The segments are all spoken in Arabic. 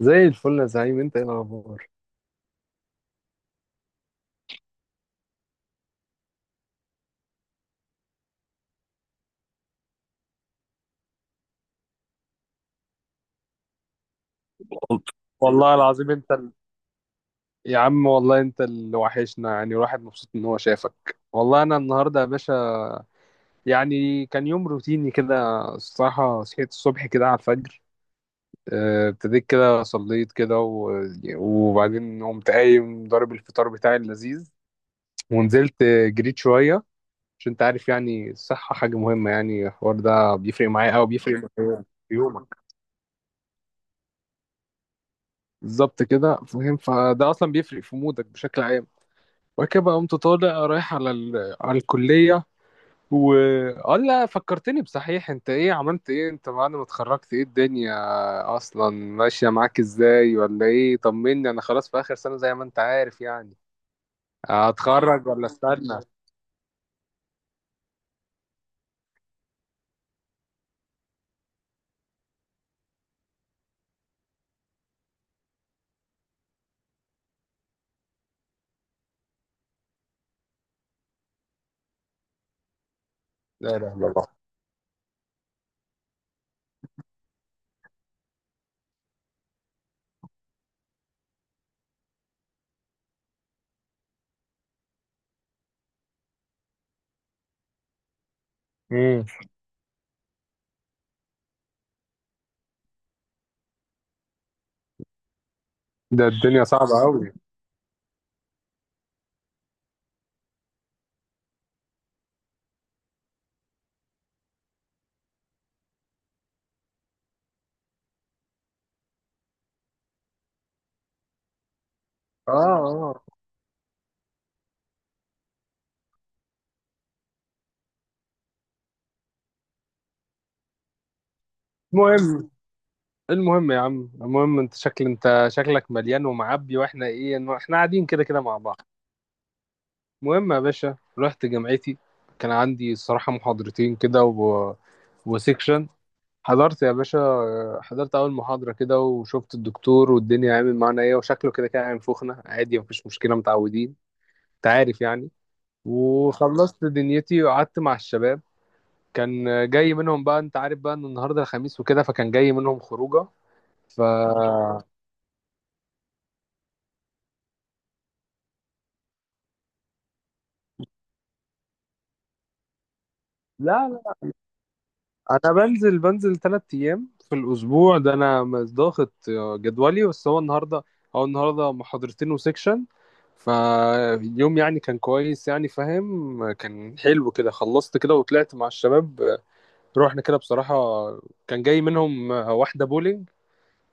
زي الفل يا زعيم، انت ايه الاخبار؟ وال- والله العظيم انت يا عم والله انت اللي وحشنا، يعني الواحد مبسوط ان هو شافك. والله انا النهارده يا باشا يعني كان يوم روتيني كده. الصراحه صحيت الصبح كده على الفجر، اه، ابتديت كده صليت كده وبعدين قمت قايم ضارب الفطار بتاعي اللذيذ، ونزلت جريت شويه، عشان انت عارف يعني الصحه حاجه مهمه، يعني الحوار ده بيفرق معايا قوي، بيفرق في يومك. بالظبط كده، فاهم؟ فده اصلا بيفرق في مودك بشكل عام. وبعد كده بقى قمت طالع رايح على على الكليه و... اه لا، فكرتني بصحيح، انت ايه عملت ايه انت بعد ما اتخرجت؟ ايه الدنيا اصلا ماشيه معاك ازاي ولا ايه؟ طمني، انا خلاص في اخر سنه زي ما انت عارف يعني. هتخرج ولا استنى؟ لا لا لا لا. مم. ده الدنيا صعبه قوي. اه اه. المهم، المهم يا عم، المهم انت شكل، انت شكلك مليان ومعبي، واحنا ايه إنه احنا قاعدين كده كده مع بعض. المهم يا باشا، رحت جامعتي، كان عندي الصراحة محاضرتين كده وسيكشن. حضرت يا باشا، حضرت أول محاضرة كده وشفت الدكتور والدنيا عامل معانا إيه، وشكله كده كان عامل فخنة عادي، مفيش مشكلة، متعودين. أنت عارف يعني. وخلصت دنيتي وقعدت مع الشباب. كان جاي منهم بقى، أنت عارف بقى إن النهاردة الخميس وكده، فكان جاي منهم خروجة. ف لا، انا بنزل ثلاث ايام في الاسبوع، ده انا مش ضاغط جدولي. بس هو النهارده، هو النهارده محاضرتين وسيكشن، فاليوم يعني كان كويس يعني، فاهم؟ كان حلو كده. خلصت كده وطلعت مع الشباب، رحنا كده بصراحة. كان جاي منهم واحدة بولينج،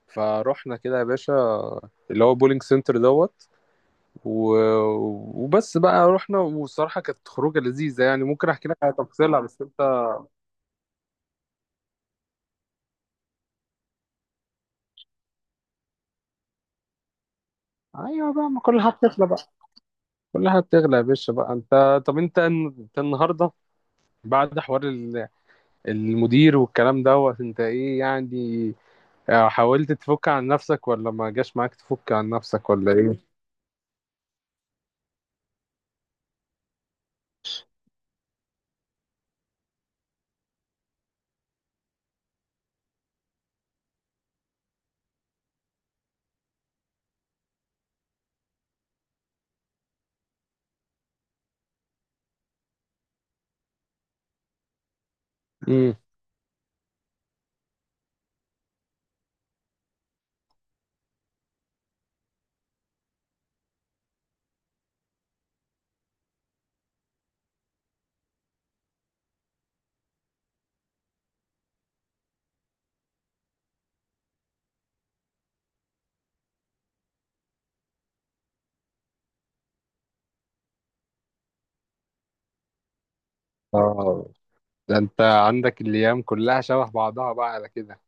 فروحنا كده يا باشا، اللي هو بولينج سنتر دوت و... وبس بقى. رحنا والصراحة كانت خروجة لذيذة يعني، ممكن احكي لك على تفاصيلها، بس انت ايوه بقى، ما كل حاجة بتطلع بقى. كل حاجه بتغلى يا باشا بقى. انت، طب انت، انت النهارده بعد حوار المدير والكلام دوت، انت ايه يعني؟ آه، حاولت تفك عن نفسك، ولا ما جاش معاك تفك عن نفسك، ولا ايه؟ امم. اه. ده انت عندك الايام كلها شبه بعضها بقى على كده.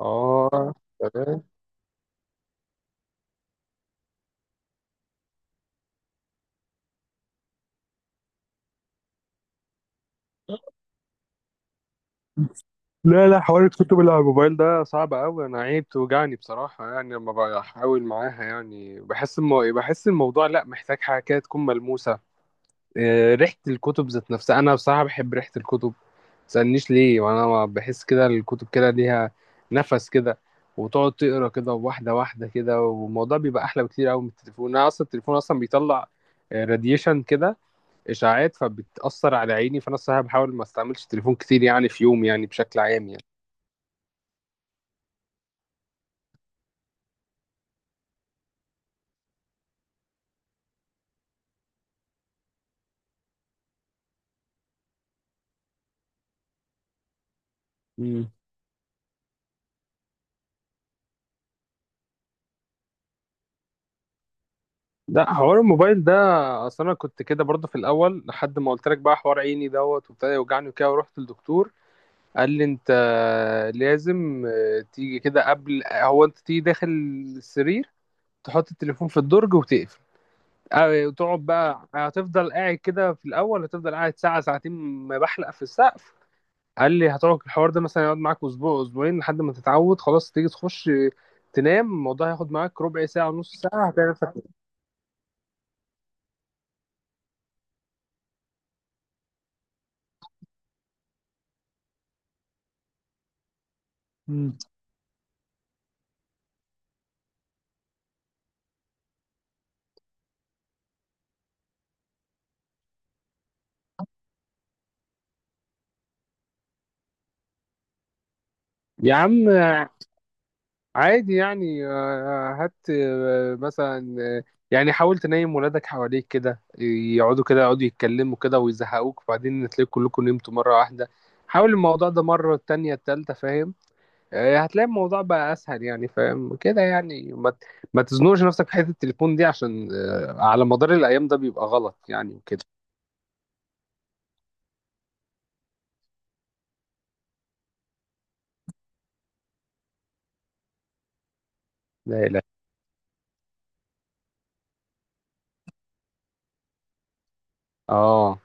اه. تمام. لا لا، حوار الكتب اللي على الموبايل ده صعب قوي. انا عيب توجعني بصراحه، يعني لما بحاول معاها يعني بحس بحس الموضوع لا، محتاج حاجه كده تكون ملموسه. آه، ريحة الكتب ذات نفسها، أنا بصراحة بحب ريحة الكتب. متسألنيش ليه، وأنا ما بحس كده الكتب كده ليها نفس كده. وتقعد تقرا كده واحدة واحدة كده، والموضوع بيبقى أحلى بكتير أوي من التليفون. أنا أصلا التليفون أصلا بيطلع راديشن كده، إشاعات، فبتأثر على عيني، فأنا الصراحة بحاول ما استعملش التليفون كتير يعني في يوم، يعني بشكل عام يعني. مم. ده حوار الموبايل ده، اصل انا كنت كده برضه في الاول لحد ما قلت لك بقى، حوار عيني دوت وابتدى يوجعني وكده، ورحت للدكتور. قال لي انت لازم آه، تيجي كده قبل، هو انت تيجي داخل السرير تحط التليفون في الدرج وتقفل. آه، وتقعد بقى، هتفضل قاعد كده في الاول، هتفضل قاعد ساعه ساعتين ما بحلق في السقف. قال لي هتقعد الحوار ده مثلا يقعد معاك اسبوع اسبوعين لحد ما تتعود، خلاص تيجي تخش آه، تنام، الموضوع هياخد معاك ربع ساعه نص ساعه هتعرف. مم. يا عم عادي يعني، هات مثلا يعني حاول تنيم ولادك حواليك كده، يقعدوا كده يقعدوا يتكلموا كده ويزهقوك، وبعدين تلاقي كلكم نمتوا مرة واحدة. حاول الموضوع ده مرة التانية التالتة، فاهم؟ آه، هتلاقي الموضوع بقى أسهل يعني، فاهم كده يعني. ما تزنقش نفسك في حتة التليفون دي، عشان آه، على مدار الأيام ده بيبقى غلط يعني وكده. لا لا. اه.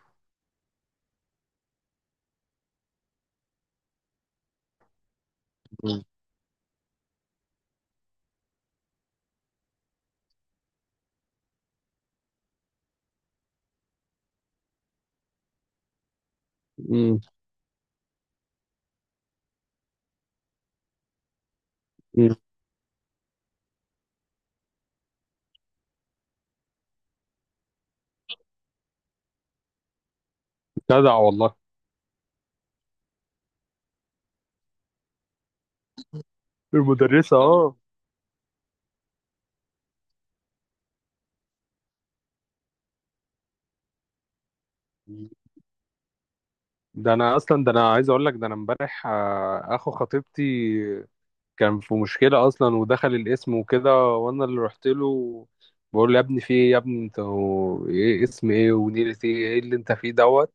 مم. مم. مم. جدع والله. المدرسة اه. ده انا اصلا، ده انا عايز اقول لك، ده انا امبارح آه، اخو خطيبتي كان في مشكله اصلا ودخل الاسم وكده، وانا اللي رحت له، بقول له يا ابني في ايه، يا ابني انت هو ايه، اسم ايه ونيلة ايه، ايه اللي انت فيه دوت.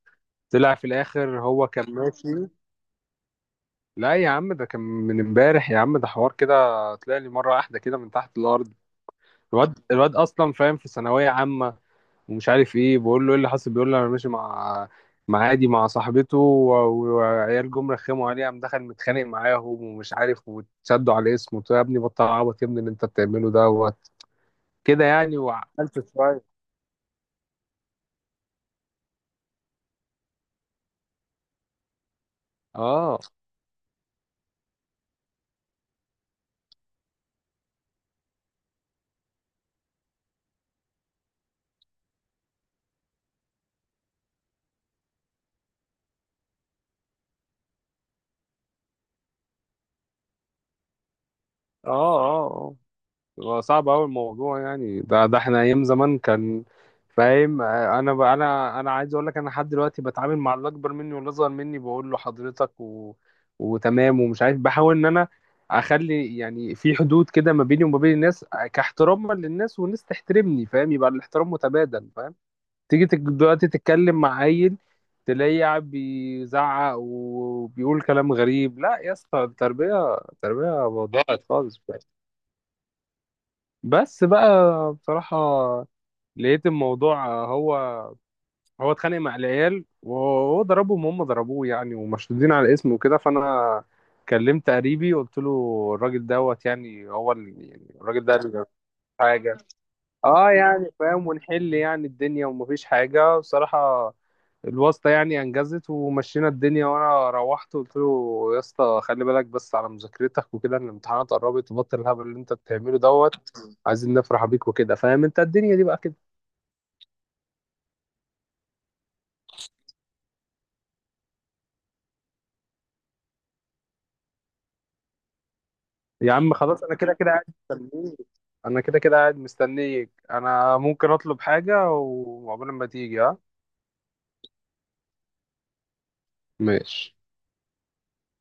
طلع في الاخر هو كان ماشي. لا يا عم، ده كان من امبارح يا عم، ده حوار كده طلع لي مره واحده كده من تحت الارض. الواد اصلا، فاهم؟ في ثانويه عامه ومش عارف ايه. بقول له ايه اللي حصل، بيقول لي انا ماشي مع، مع عادي مع صاحبته وعيال جم رخموا عليه، قام دخل متخانق معاهم ومش عارف، وتشدوا على اسمه. قلت له يا ابني بطل عبط يا ابني اللي انت بتعمله ده كده يعني، وعقلت شويه. اه اه. اه، هو صعب أوي الموضوع يعني. ده ده احنا أيام زمان كان، فاهم آه، أنا أنا عايز أقول لك أنا لحد دلوقتي بتعامل مع اللي أكبر مني واللي أصغر مني بقول له حضرتك وتمام ومش عارف، بحاول إن أنا أخلي يعني في حدود كده ما بيني وما بين الناس، آه، كاحتراما للناس والناس تحترمني، فاهم؟ يبقى الاحترام متبادل، فاهم؟ دلوقتي تتكلم مع عيل تلاقيه قاعد بيزعق وبيقول كلام غريب، لا يا اسطى، التربية، التربية ضاعت خالص. بس بقى بصراحة لقيت الموضوع، هو هو اتخانق مع العيال وهو ضربهم وهم ضربوه يعني، ومشدودين على اسمه وكده، فأنا كلمت قريبي قلت له الراجل دوت يعني هو اللي، يعني الراجل ده اللي جاب حاجة. اه يعني فاهم، ونحل يعني الدنيا ومفيش حاجة بصراحة. الواسطة يعني أنجزت ومشينا الدنيا، وأنا روحت قلت له يا اسطى خلي بالك بس على مذاكرتك وكده، إن الامتحانات قربت وبطل الهبل اللي أنت بتعمله دوت. عايزين نفرح بيك وكده، فاهم؟ انت الدنيا دي بقى كده. يا عم خلاص، انا كده كده قاعد مستنيك، انا كده كده قاعد مستنيك، انا ممكن اطلب حاجة وعقبال ما تيجي. ها ماشي.